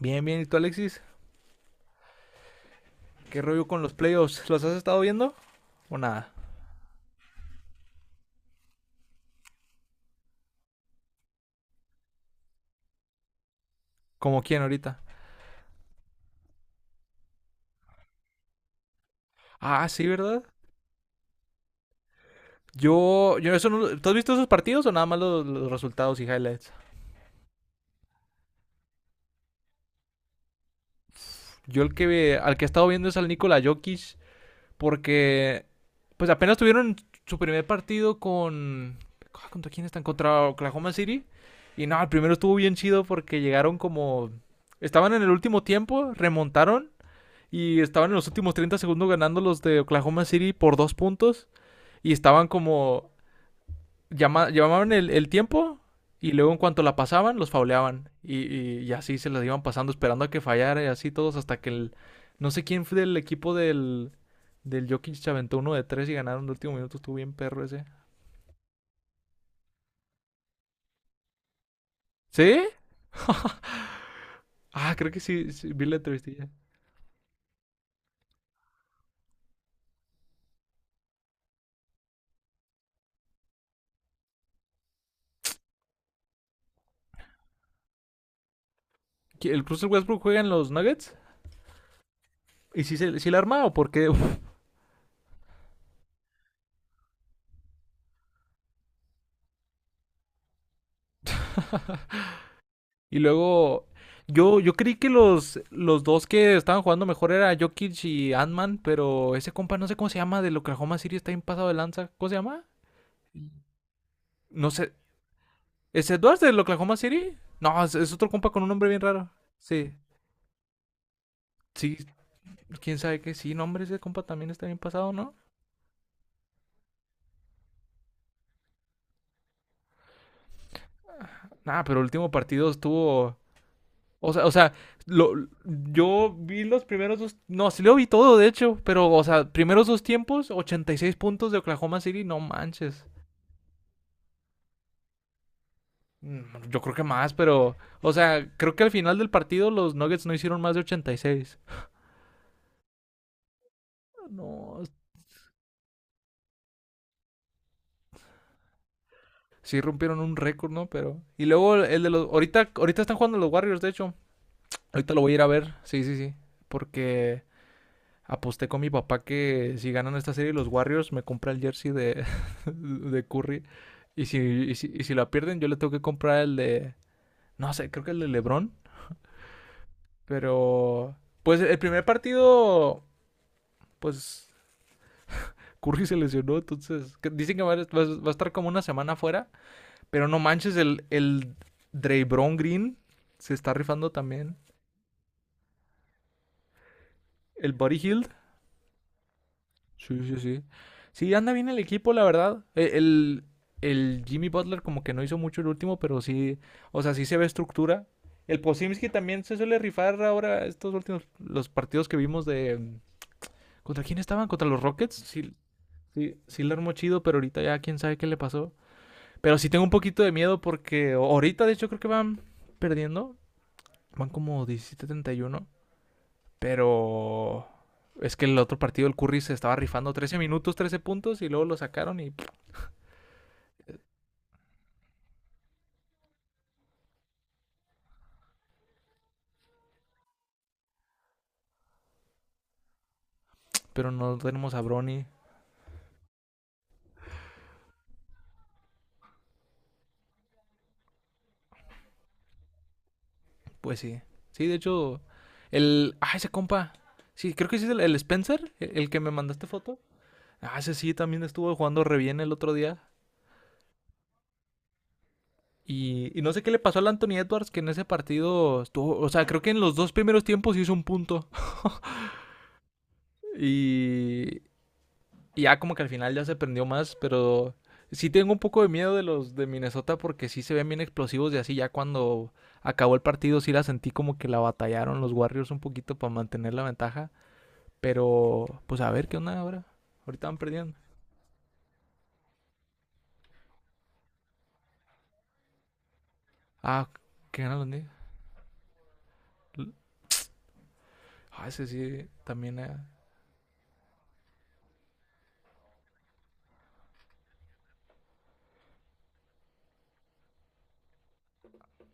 Bien, bien. ¿Y tú, Alexis? ¿Qué rollo con los playoffs? ¿Los has estado viendo o nada? ¿Como quién ahorita? Ah, sí, ¿verdad? Yo eso no. ¿Tú has visto esos partidos o nada más los resultados y highlights? Yo el que ve, al que he estado viendo es al Nikola Jokic, porque pues apenas tuvieron su primer partido con, ah, ¿contra quién están? Contra Oklahoma City. Y no, el primero estuvo bien chido porque llegaron como, estaban en el último tiempo, remontaron. Y estaban en los últimos 30 segundos ganando los de Oklahoma City por dos puntos. Y estaban como. Llamaban el tiempo. Y luego, en cuanto la pasaban, los fauleaban. Y así se las iban pasando, esperando a que fallara. Y así todos, hasta que el. No sé quién fue del equipo del. Del Jokic se aventó uno de tres y ganaron el último minuto. Estuvo bien perro ese. ¿Sí? Ah, creo que sí. Sí, vi la entrevistilla. ¿El Russell Westbrook juega en los Nuggets? ¿Y si, se, si la arma, o por qué? Y luego, yo creí que los dos que estaban jugando mejor era Jokic y Ant-Man, pero ese compa no sé cómo se llama, del Oklahoma City, está bien pasado de lanza. ¿Cómo se llama? No sé. ¿Es Edwards del Oklahoma City? No, es otro compa con un nombre bien raro. Sí, sí, quién sabe qué. Sí, nombre, ese compa también está bien pasado, ¿no? Nah, pero el último partido estuvo. O sea, lo, yo vi los primeros dos. No, sí lo vi todo, de hecho. Pero, o sea, primeros dos tiempos, 86 puntos de Oklahoma City, no manches. Mm, yo creo que más, pero, o sea, creo que al final del partido los Nuggets no hicieron más de 86. No, sí rompieron un récord, ¿no? Pero y luego el de los, ahorita están jugando los Warriors, de hecho. Ahorita lo voy a ir a ver. Sí, sí, sí, porque aposté con mi papá que si ganan esta serie los Warriors me compra el jersey de de Curry, y si la pierden yo le tengo que comprar el de, no sé, creo que el de LeBron, pero pues el primer partido, pues Curry se lesionó, entonces que- dicen que va, a- va a estar como una semana afuera, pero no manches, el Draybron Green se está rifando también. El Buddy Hield. Sí, sí, sí. Sí, anda bien el equipo, la verdad. E- el Jimmy Butler como que no hizo mucho el último, pero sí, o sea, sí se ve estructura. El Posimski también se suele rifar ahora estos últimos, los partidos que vimos de... ¿Contra quién estaban? ¿Contra los Rockets? Sí, sí, sí le armó chido, pero ahorita ya quién sabe qué le pasó. Pero sí tengo un poquito de miedo porque ahorita, de hecho, creo que van perdiendo. Van como 17-31. Pero es que el otro partido, el Curry, se estaba rifando 13 minutos, 13 puntos y luego lo sacaron. Y pero no tenemos a Brony. Pues sí. Sí, de hecho, el. Ah, ese compa. Sí, creo que sí es el Spencer, el que me mandaste foto. Ah, ese sí también estuvo jugando re bien el otro día. Y no sé qué le pasó al Anthony Edwards, que en ese partido estuvo. O sea, creo que en los dos primeros tiempos hizo un punto. Y, y ya como que al final ya se prendió más, pero sí tengo un poco de miedo de los de Minnesota porque sí se ven bien explosivos y así, ya cuando acabó el partido sí la sentí como que la batallaron los Warriors un poquito para mantener la ventaja. Pero pues a ver qué onda ahora. Ahorita van perdiendo. Ah, qué ganan los Knicks. Ah, ese sí también. Eh,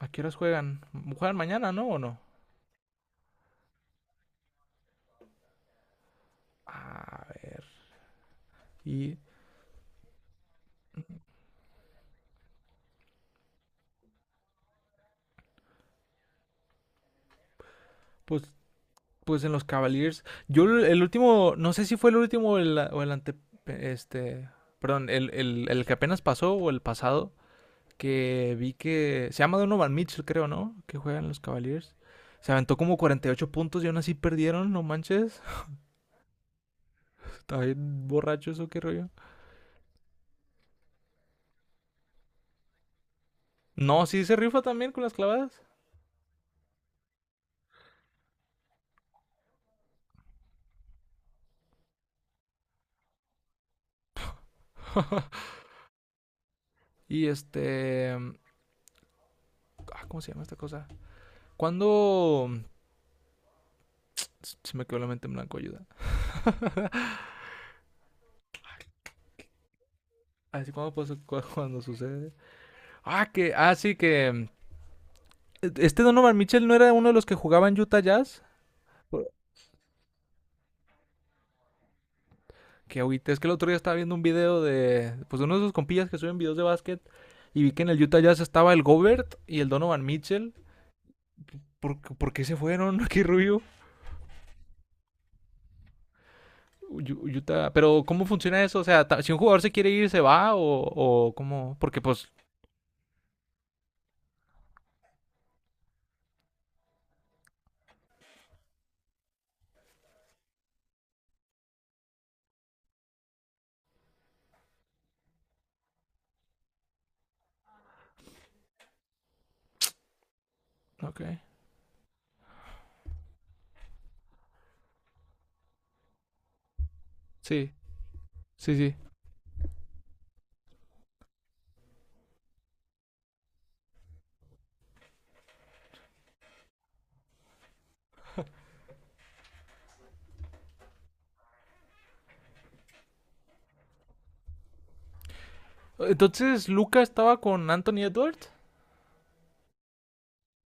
¿a qué horas juegan? Juegan mañana, ¿no? ¿O no? A ver. Y pues pues en los Cavaliers. Yo el último, no sé si fue el último o el ante, este, perdón, el que apenas pasó o el pasado, que vi que se llama Donovan Mitchell, creo, ¿no? Que juega en los Cavaliers. Se aventó como 48 puntos y aún así perdieron, no manches. Está bien borracho eso, qué rollo. No, sí se rifa también con las clavadas. Y este, ah, ¿cómo se llama esta cosa? ¿Cuándo? Se me quedó la mente en blanco, ayuda. Así cuando pasa, cu- cuando sucede. Ah, que, ah, sí, que este Donovan Mitchell no era uno de los que jugaba en Utah Jazz. Que ahorita es que el otro día estaba viendo un video de, pues, de uno de esos compillas que suben videos de básquet y vi que en el Utah Jazz estaba el Gobert y el Donovan Mitchell. ¿Por qué se fueron? Qué rubio. Utah, pero ¿cómo funciona eso? O sea, si un jugador se quiere ir, ¿se va? O cómo? Porque pues, ok. Sí, sí, sí. Entonces, Luca estaba con Anthony Edwards.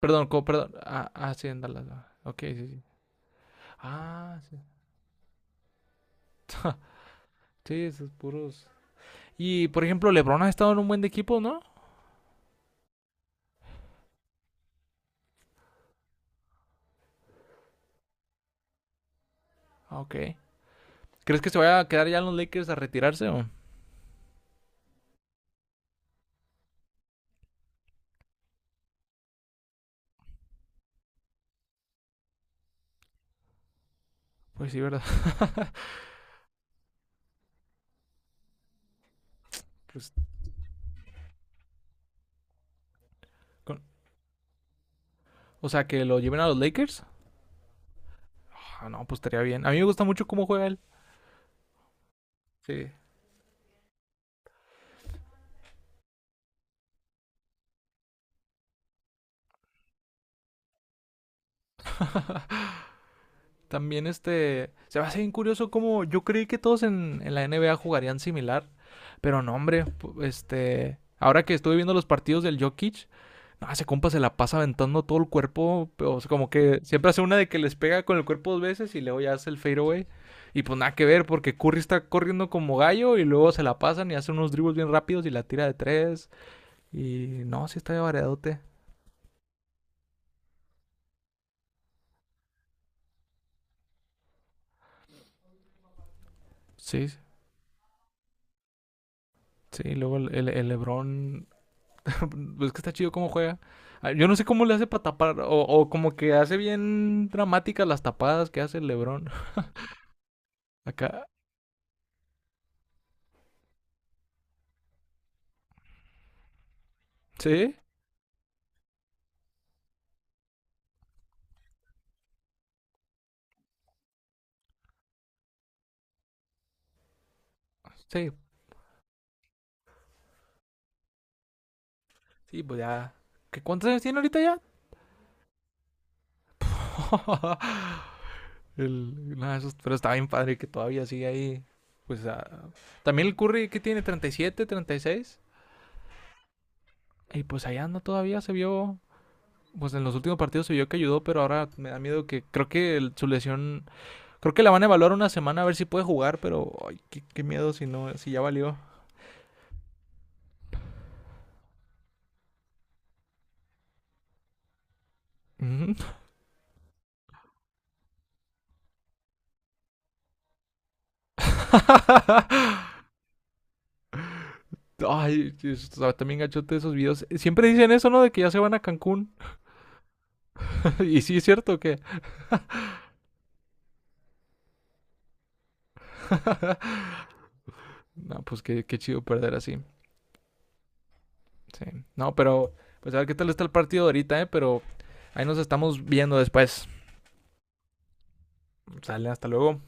Perdón, co- perdón. Ah, ah, sí, en Dallas. Ah, ok, sí, sí. Ah, sí. Sí, esos puros. Y por ejemplo, LeBron ha estado en un buen de equipo, ¿no? Ah, ok. ¿Crees que se vaya a quedar ya en los Lakers a retirarse, o? Pues sí, ¿verdad? Pues, con- o sea, que lo lleven a los Lakers. Ah, no, pues estaría bien. A mí me gusta mucho cómo juega él. Sí. También este. Se va a hacer bien curioso cómo. Yo creí que todos en la NBA jugarían similar. Pero no, hombre. Pu- este. Ahora que estuve viendo los partidos del Jokic. No, ese compa se la pasa aventando todo el cuerpo. Pero, o sea, como que siempre hace una de que les pega con el cuerpo dos veces y luego ya hace el fadeaway. Y pues nada que ver, porque Curry está corriendo como gallo y luego se la pasan y hace unos dribbles bien rápidos y la tira de tres. Y no, sí está de variadote. Sí, sí. Y luego el Lebron. Es que está chido cómo juega. Yo no sé cómo le hace para tapar. O como que hace bien dramáticas las tapadas que hace el Lebron. Acá. ¿Sí? Sí. Sí, pues ya. ¿Cuántos años tiene ahorita ya? El- no, eso- pero está bien padre que todavía sigue ahí. Pues ah, también el Curry que tiene 37, 36, y pues ahí anda todavía, se vio. Pues en los últimos partidos se vio que ayudó, pero ahora me da miedo que creo que el- su lesión. Creo que la van a evaluar una semana a ver si puede jugar, pero ay, qué miedo si no, si ya valió. Ay, también gachote esos videos. Siempre dicen eso, ¿no? De que ya se van a Cancún. Y sí, es cierto que. No, pues qué, qué chido perder así. Sí. No, pero pues a ver qué tal está el partido ahorita, ¿eh? Pero ahí nos estamos viendo después. Sale, hasta luego.